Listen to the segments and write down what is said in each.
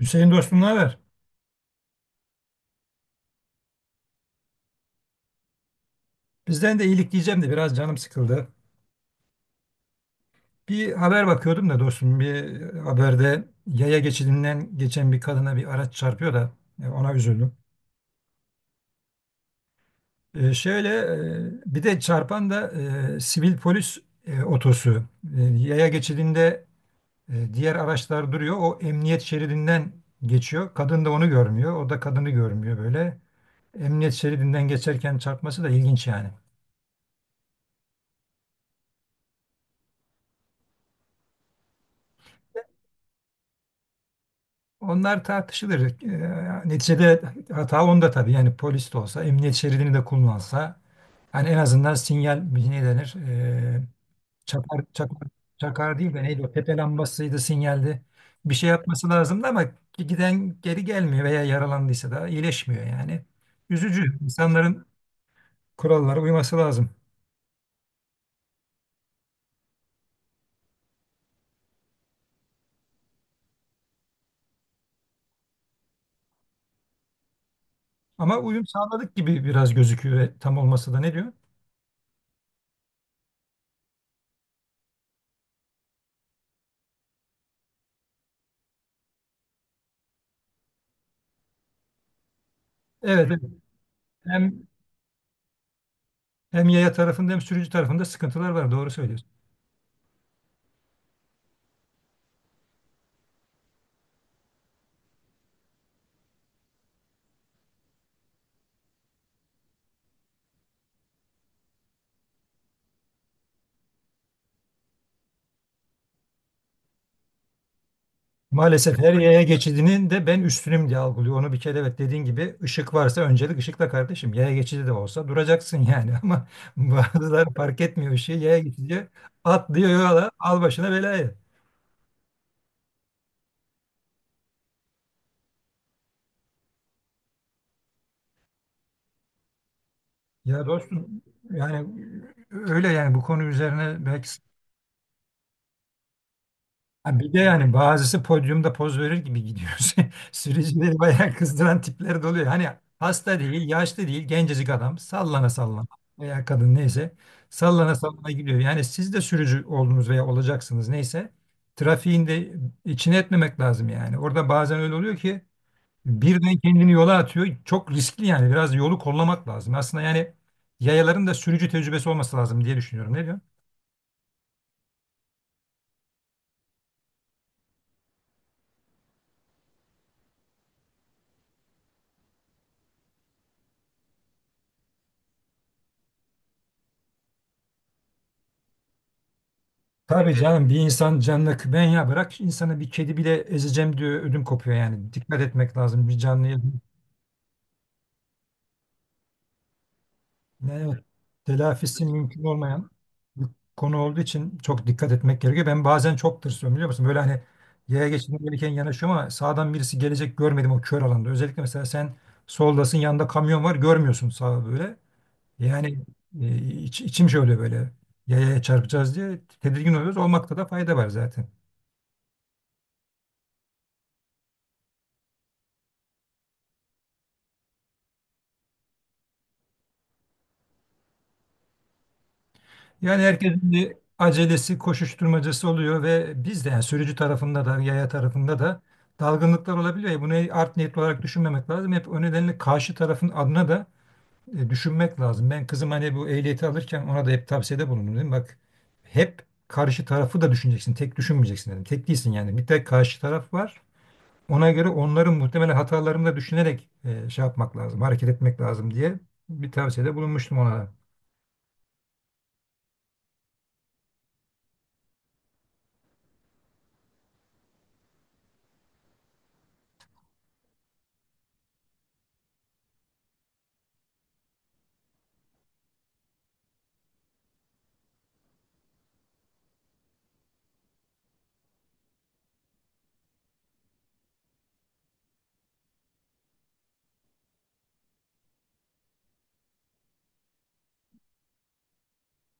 Hüseyin dostum ne haber? Bizden de iyilik diyeceğim de biraz canım sıkıldı. Bir haber bakıyordum da dostum bir haberde yaya geçidinden geçen bir kadına bir araç çarpıyor da ona üzüldüm. Şöyle bir de çarpan da sivil polis otosu. Yaya geçidinde diğer araçlar duruyor. O emniyet şeridinden geçiyor. Kadın da onu görmüyor. O da kadını görmüyor böyle. Emniyet şeridinden geçerken çarpması da ilginç yani. Onlar tartışılır. Neticede hata onda tabii. Yani polis de olsa, emniyet şeridini de kullansa. Hani en azından sinyal ne denir? Çakar, çakar, çakar değil de neydi o? Tepe lambasıydı, sinyaldi. Bir şey yapması lazımdı ama giden geri gelmiyor veya yaralandıysa da iyileşmiyor yani. Üzücü. İnsanların kurallara uyması lazım. Ama uyum sağladık gibi biraz gözüküyor ve tam olması da ne diyor? Evet, evet. Hem, hem yaya tarafında hem sürücü tarafında sıkıntılar var. Doğru söylüyorsun. Maalesef her yaya geçidinin de ben üstünüm diye algılıyor. Onu bir kere evet dediğin gibi ışık varsa öncelik ışıkla kardeşim. Yaya geçidi de olsa duracaksın yani ama bazıları fark etmiyor ışığı. Yaya geçidi atlıyor yola al başına belayı. Ya dostum yani öyle yani bu konu üzerine belki. Ha bir de yani bazısı podyumda poz verir gibi gidiyor. Sürücüleri bayağı kızdıran tipler de oluyor. Hani hasta değil, yaşlı değil, gencecik adam sallana sallana veya kadın neyse sallana sallana gidiyor. Yani siz de sürücü oldunuz veya olacaksınız neyse trafiğin de içine etmemek lazım yani. Orada bazen öyle oluyor ki birden kendini yola atıyor. Çok riskli yani biraz yolu kollamak lazım. Aslında yani yayaların da sürücü tecrübesi olması lazım diye düşünüyorum. Ne diyorsun? Tabii canım bir insan canına ben ya bırak insanı bir kedi bile ezeceğim diyor ödüm kopuyor yani. Dikkat etmek lazım bir canlıya. Evet, telafisi mümkün olmayan bir konu olduğu için çok dikkat etmek gerekiyor. Ben bazen çok tırsıyorum biliyor musun? Böyle hani yaya geçidine gelirken yanaşıyorum ama sağdan birisi gelecek görmedim o kör alanda. Özellikle mesela sen soldasın yanında kamyon var görmüyorsun sağa böyle. Yani içim şöyle böyle yayaya çarpacağız diye tedirgin oluyoruz. Olmakta da fayda var zaten. Yani herkesin bir acelesi, koşuşturmacası oluyor ve biz de yani sürücü tarafında da, yaya tarafında da dalgınlıklar olabiliyor. Ya, bunu art niyetli olarak düşünmemek lazım. Hep o nedenle karşı tarafın adına da düşünmek lazım. Ben kızım hani bu ehliyeti alırken ona da hep tavsiyede bulundum dedim. Bak hep karşı tarafı da düşüneceksin. Tek düşünmeyeceksin dedim. Tek değilsin yani. Bir tek karşı taraf var. Ona göre onların muhtemelen hatalarını da düşünerek şey yapmak lazım, hareket etmek lazım diye bir tavsiyede bulunmuştum ona.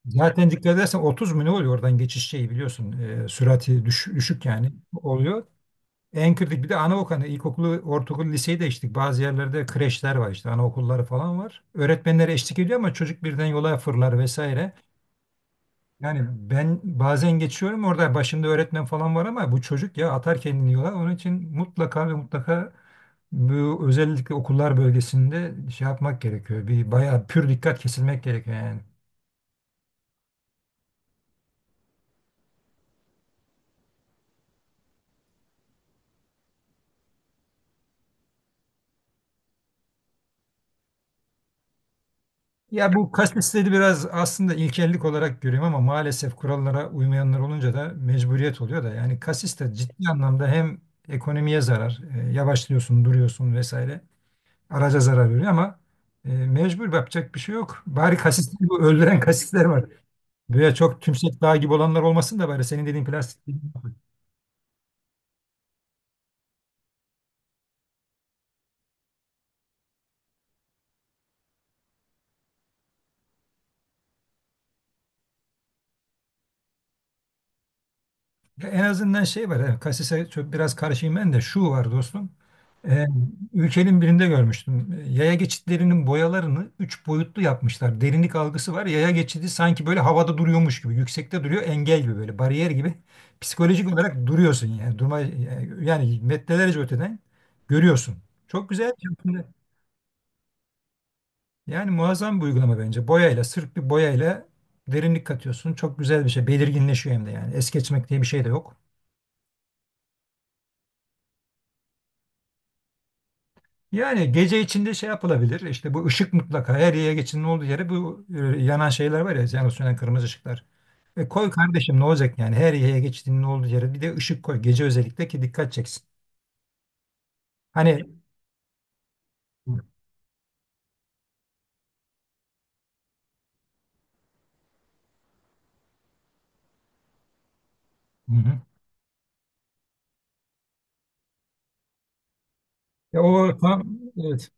Zaten dikkat edersen 30 mu ne oluyor oradan geçiş şeyi biliyorsun. E, sürati düşük yani oluyor. En kritik bir de anaokulu, ilkokulu, ortaokulu, liseyi de geçtik. Bazı yerlerde kreşler var işte anaokulları falan var. Öğretmenlere eşlik ediyor ama çocuk birden yola fırlar vesaire. Yani ben bazen geçiyorum orada başında öğretmen falan var ama bu çocuk ya atar kendini yola. Onun için mutlaka ve mutlaka bu özellikle okullar bölgesinde şey yapmak gerekiyor. Bir bayağı pür dikkat kesilmek gerekiyor yani. Ya bu kasvetleri biraz aslında ilkellik olarak görüyorum ama maalesef kurallara uymayanlar olunca da mecburiyet oluyor da yani kasis de ciddi anlamda hem ekonomiye zarar, yavaşlıyorsun, duruyorsun vesaire. Araca zarar veriyor ama mecbur yapacak bir şey yok. Bari kasisleri bu öldüren kasisler var. Böyle çok tümsek dağ gibi olanlar olmasın da bari senin dediğin plastik. Ya en azından şey var. Yani kasise çok biraz karşıyım ben de şu var dostum. Ee, ülkenin birinde görmüştüm. Yaya geçitlerinin boyalarını üç boyutlu yapmışlar. Derinlik algısı var. Yaya geçidi sanki böyle havada duruyormuş gibi. Yüksekte duruyor. Engel gibi böyle. Bariyer gibi. Psikolojik olarak duruyorsun yani. Durma, yani metrelerce öteden görüyorsun. Çok güzel. Yani muazzam bir uygulama bence. Boyayla, sırf bir boyayla derinlik katıyorsun. Çok güzel bir şey. Belirginleşiyor hem de yani. Es geçmek diye bir şey de yok. Yani gece içinde şey yapılabilir. İşte bu ışık mutlaka her yere geçin ne olduğu yere bu yanan şeyler var ya yanıp sönen kırmızı ışıklar. E koy kardeşim ne olacak yani her yere geçtiğinin ne olduğu yere bir de ışık koy gece özellikle ki dikkat çeksin. Hani. Hı hı. Ya o tam evet.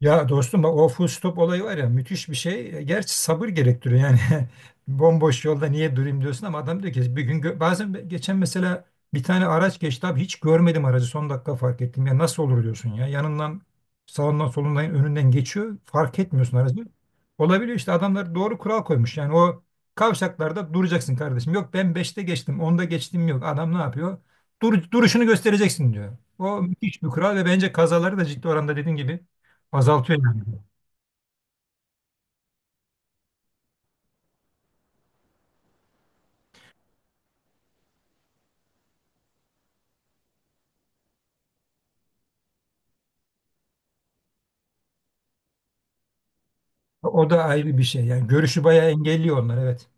Ya dostum bak o full stop olayı var ya müthiş bir şey. E, gerçi sabır gerektiriyor yani. Bomboş yolda niye durayım diyorsun ama adam diyor ki bir gün bazen geçen mesela bir tane araç geçti abi hiç görmedim aracı son dakika fark ettim. Ya nasıl olur diyorsun ya yanından sağından solundan önünden geçiyor fark etmiyorsun aracı. Olabiliyor işte adamlar doğru kural koymuş yani o kavşaklarda duracaksın kardeşim. Yok ben beşte geçtim onda geçtim yok adam ne yapıyor? Dur, duruşunu göstereceksin diyor. O müthiş bir kural ve bence kazaları da ciddi oranda dediğin gibi azaltıyor yani. O da ayrı bir şey. Yani görüşü bayağı engelliyor onlar evet.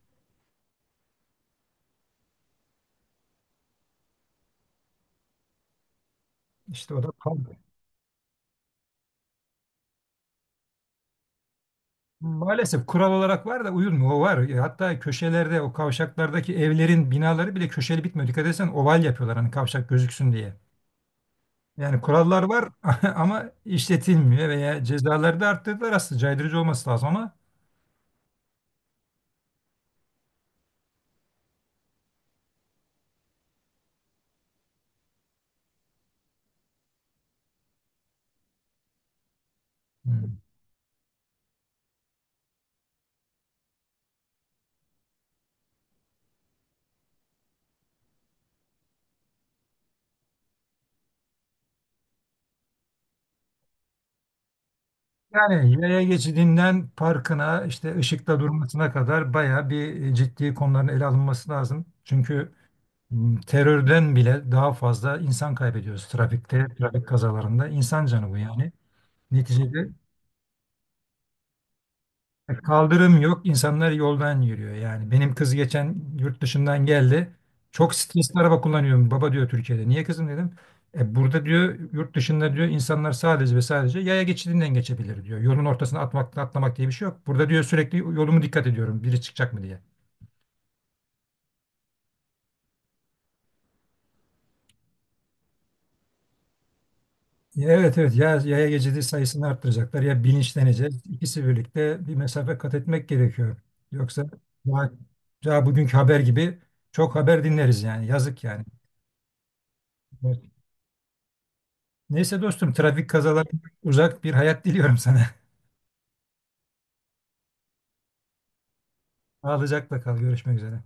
İşte o da kaldı. Maalesef kural olarak var da uyulmuyor. O var. E, hatta köşelerde o kavşaklardaki evlerin binaları bile köşeli bitmiyor. Dikkat etsen oval yapıyorlar hani kavşak gözüksün diye. Yani kurallar var ama işletilmiyor veya cezaları da arttırdılar aslında caydırıcı olması lazım ama. Hmm. Yani yaya geçidinden parkına işte ışıkta durmasına kadar bayağı bir ciddi konuların ele alınması lazım. Çünkü terörden bile daha fazla insan kaybediyoruz trafikte, trafik kazalarında. İnsan canı bu yani. Neticede kaldırım yok, insanlar yoldan yürüyor. Yani benim kız geçen yurt dışından geldi. Çok stresli araba kullanıyorum. Baba diyor Türkiye'de. Niye kızım dedim. E burada diyor yurt dışında diyor insanlar sadece ve sadece yaya geçidinden geçebilir diyor. Yolun ortasına atmak, atlamak diye bir şey yok. Burada diyor sürekli yolumu dikkat ediyorum. Biri çıkacak mı diye. Evet evet ya yaya geçidi sayısını arttıracaklar ya bilinçleneceğiz. İkisi birlikte bir mesafe kat etmek gerekiyor. Yoksa daha, daha bugünkü haber gibi çok haber dinleriz yani yazık yani. Evet. Neyse dostum trafik kazalarından uzak bir hayat diliyorum sana. Sağlıcakla kal görüşmek üzere.